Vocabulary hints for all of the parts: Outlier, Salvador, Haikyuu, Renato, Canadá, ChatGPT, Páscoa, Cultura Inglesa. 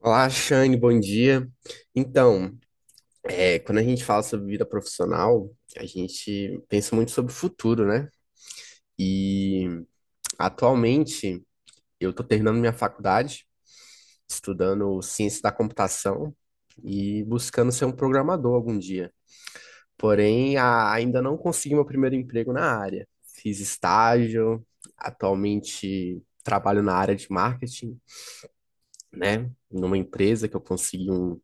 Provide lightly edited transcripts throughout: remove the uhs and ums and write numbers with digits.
Olá, Shane, bom dia. Então, quando a gente fala sobre vida profissional, a gente pensa muito sobre o futuro, né? E atualmente eu estou terminando minha faculdade, estudando ciência da computação e buscando ser um programador algum dia. Porém, ainda não consegui meu primeiro emprego na área. Fiz estágio, atualmente trabalho na área de marketing, né? Numa empresa que eu consegui um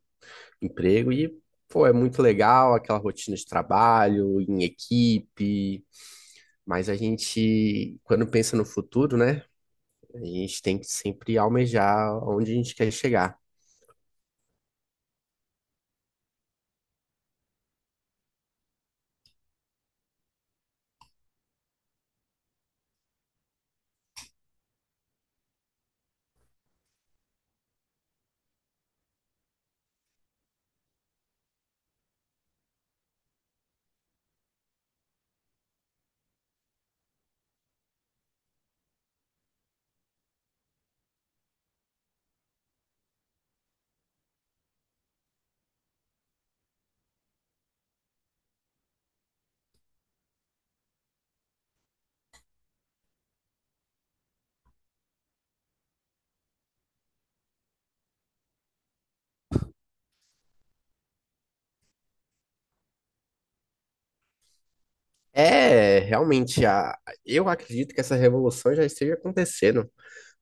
emprego e, pô, é muito legal aquela rotina de trabalho, em equipe, mas a gente, quando pensa no futuro, né, a gente tem que sempre almejar onde a gente quer chegar. Realmente, eu acredito que essa revolução já esteja acontecendo.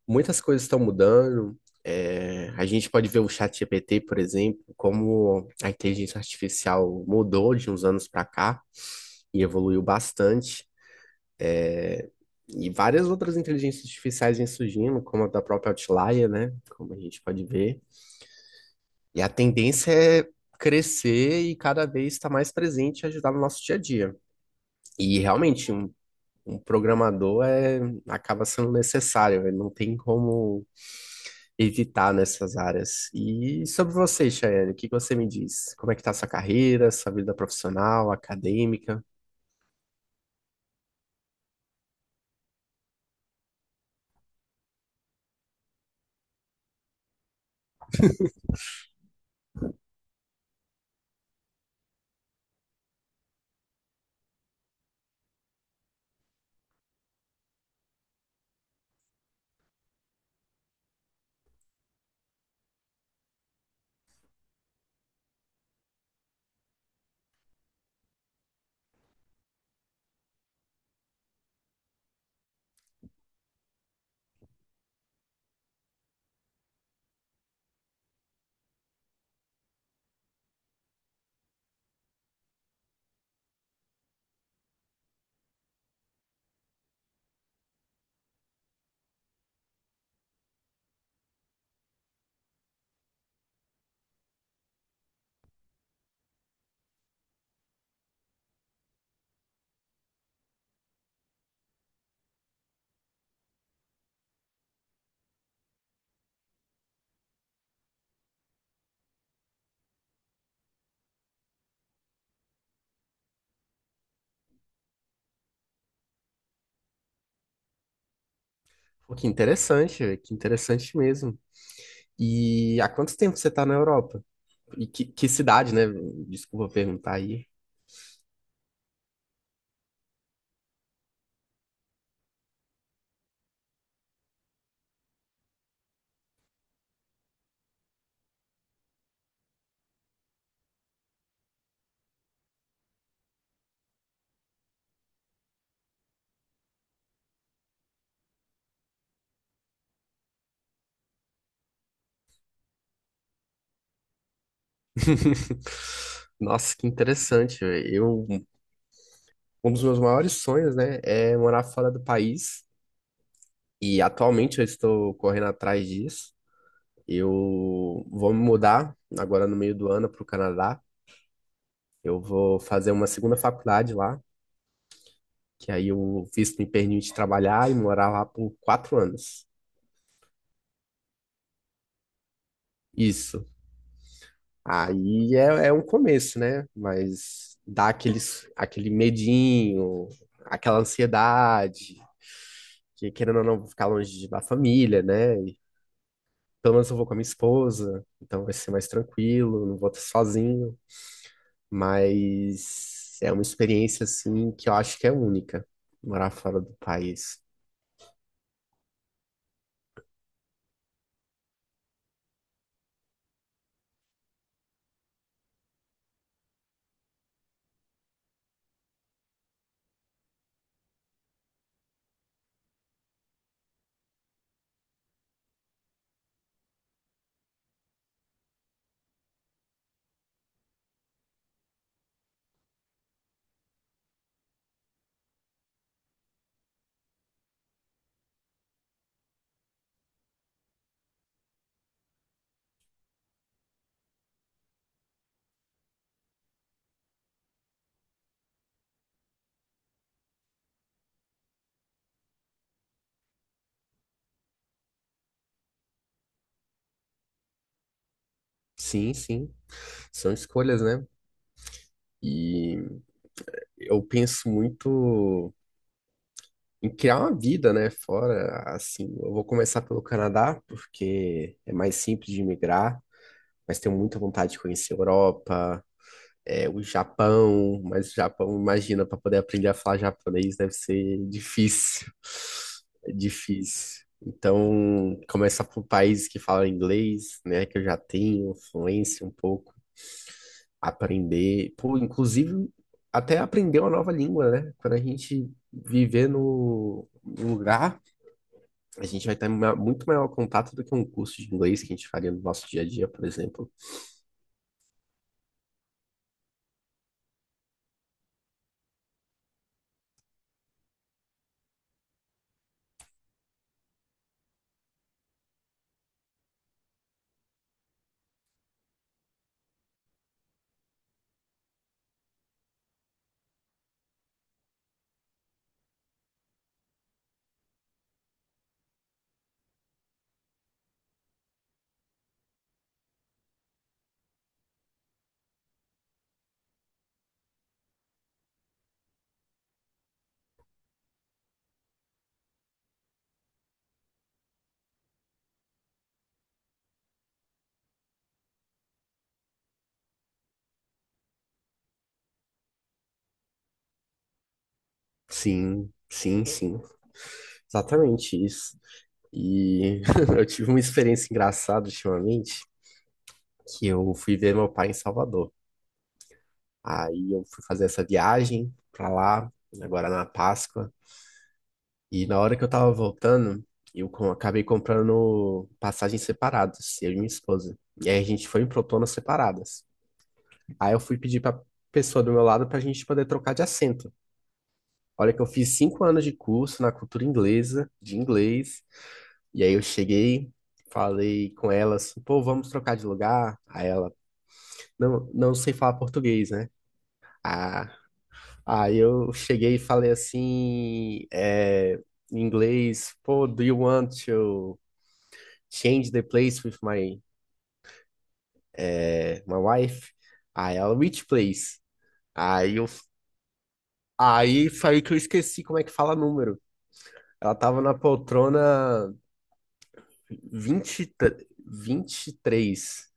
Muitas coisas estão mudando. A gente pode ver o ChatGPT, por exemplo, como a inteligência artificial mudou de uns anos para cá e evoluiu bastante. É, e várias outras inteligências artificiais vêm surgindo, como a da própria Outlier, né? Como a gente pode ver. E a tendência é crescer e cada vez estar mais presente e ajudar no nosso dia a dia. E realmente, um programador acaba sendo necessário, ele não tem como evitar nessas áreas. E sobre você, Chayane, o que que você me diz? Como é que tá a sua carreira, sua vida profissional, acadêmica? Pô, que interessante mesmo. E há quanto tempo você está na Europa? E que cidade, né? Desculpa perguntar aí. Nossa, que interessante, velho. Um dos meus maiores sonhos, né, é morar fora do país. E atualmente eu estou correndo atrás disso. Eu vou me mudar agora no meio do ano para o Canadá. Eu vou fazer uma segunda faculdade lá, que aí o visto me permite trabalhar e morar lá por 4 anos. Isso. Aí é um começo, né? Mas dá aquele medinho, aquela ansiedade, que querendo ou não, vou ficar longe da família, né? E pelo menos eu vou com a minha esposa, então vai ser mais tranquilo, não vou estar sozinho. Mas é uma experiência, assim, que eu acho que é única, morar fora do país. Sim, sim, são escolhas, né? E eu penso muito em criar uma vida, né, fora, assim. Eu vou começar pelo Canadá, porque é mais simples de migrar, mas tenho muita vontade de conhecer a Europa, o Japão. Mas o Japão, imagina, para poder aprender a falar japonês deve ser difícil, é difícil. Então, começar por países que falam inglês, né, que eu já tenho fluência um pouco, aprender, pô, inclusive até aprender uma nova língua, né, quando a gente viver no lugar a gente vai ter muito maior contato do que um curso de inglês que a gente faria no nosso dia a dia, por exemplo. Sim, sim, sim. Exatamente isso. E eu tive uma experiência engraçada ultimamente, que eu fui ver meu pai em Salvador. Aí eu fui fazer essa viagem pra lá, agora na Páscoa. E na hora que eu tava voltando, eu acabei comprando passagens separadas, eu e minha esposa. E aí a gente foi em protonas separadas. Aí eu fui pedir pra pessoa do meu lado pra gente poder trocar de assento. Olha que eu fiz 5 anos de curso na cultura inglesa, de inglês. E aí eu cheguei, falei com ela assim, pô, vamos trocar de lugar? Aí ela, não, não sei falar português, né? Ah, aí eu cheguei e falei assim, em inglês, pô, do you want to change the place with my, my wife? Aí ela, which place? Aí eu, aí foi aí que eu esqueci como é que fala número. Ela tava na poltrona vinte e três.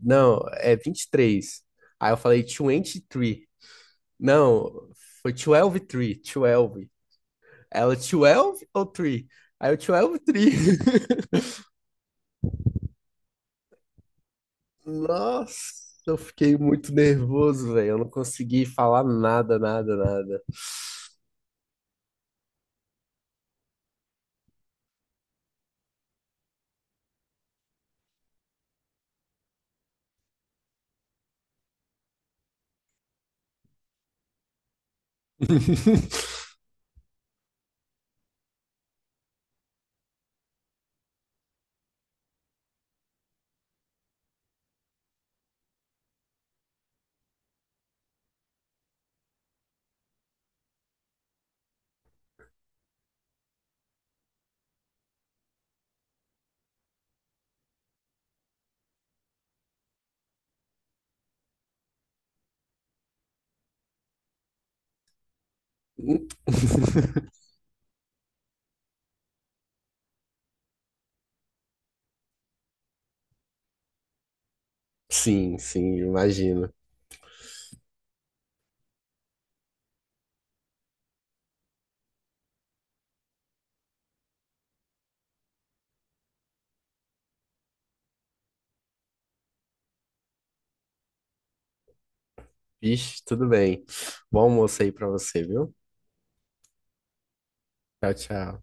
Não, é 23. Aí eu falei 23. Não, foi 12, 3, 12. Ela, 12 ou 3? Aí eu, 12, 3. Nossa, eu fiquei muito nervoso, velho. Eu não consegui falar nada, nada, nada. Sim, sim, imagino. Vixe, tudo bem. Bom almoço aí pra você, viu? Tchau, tchau.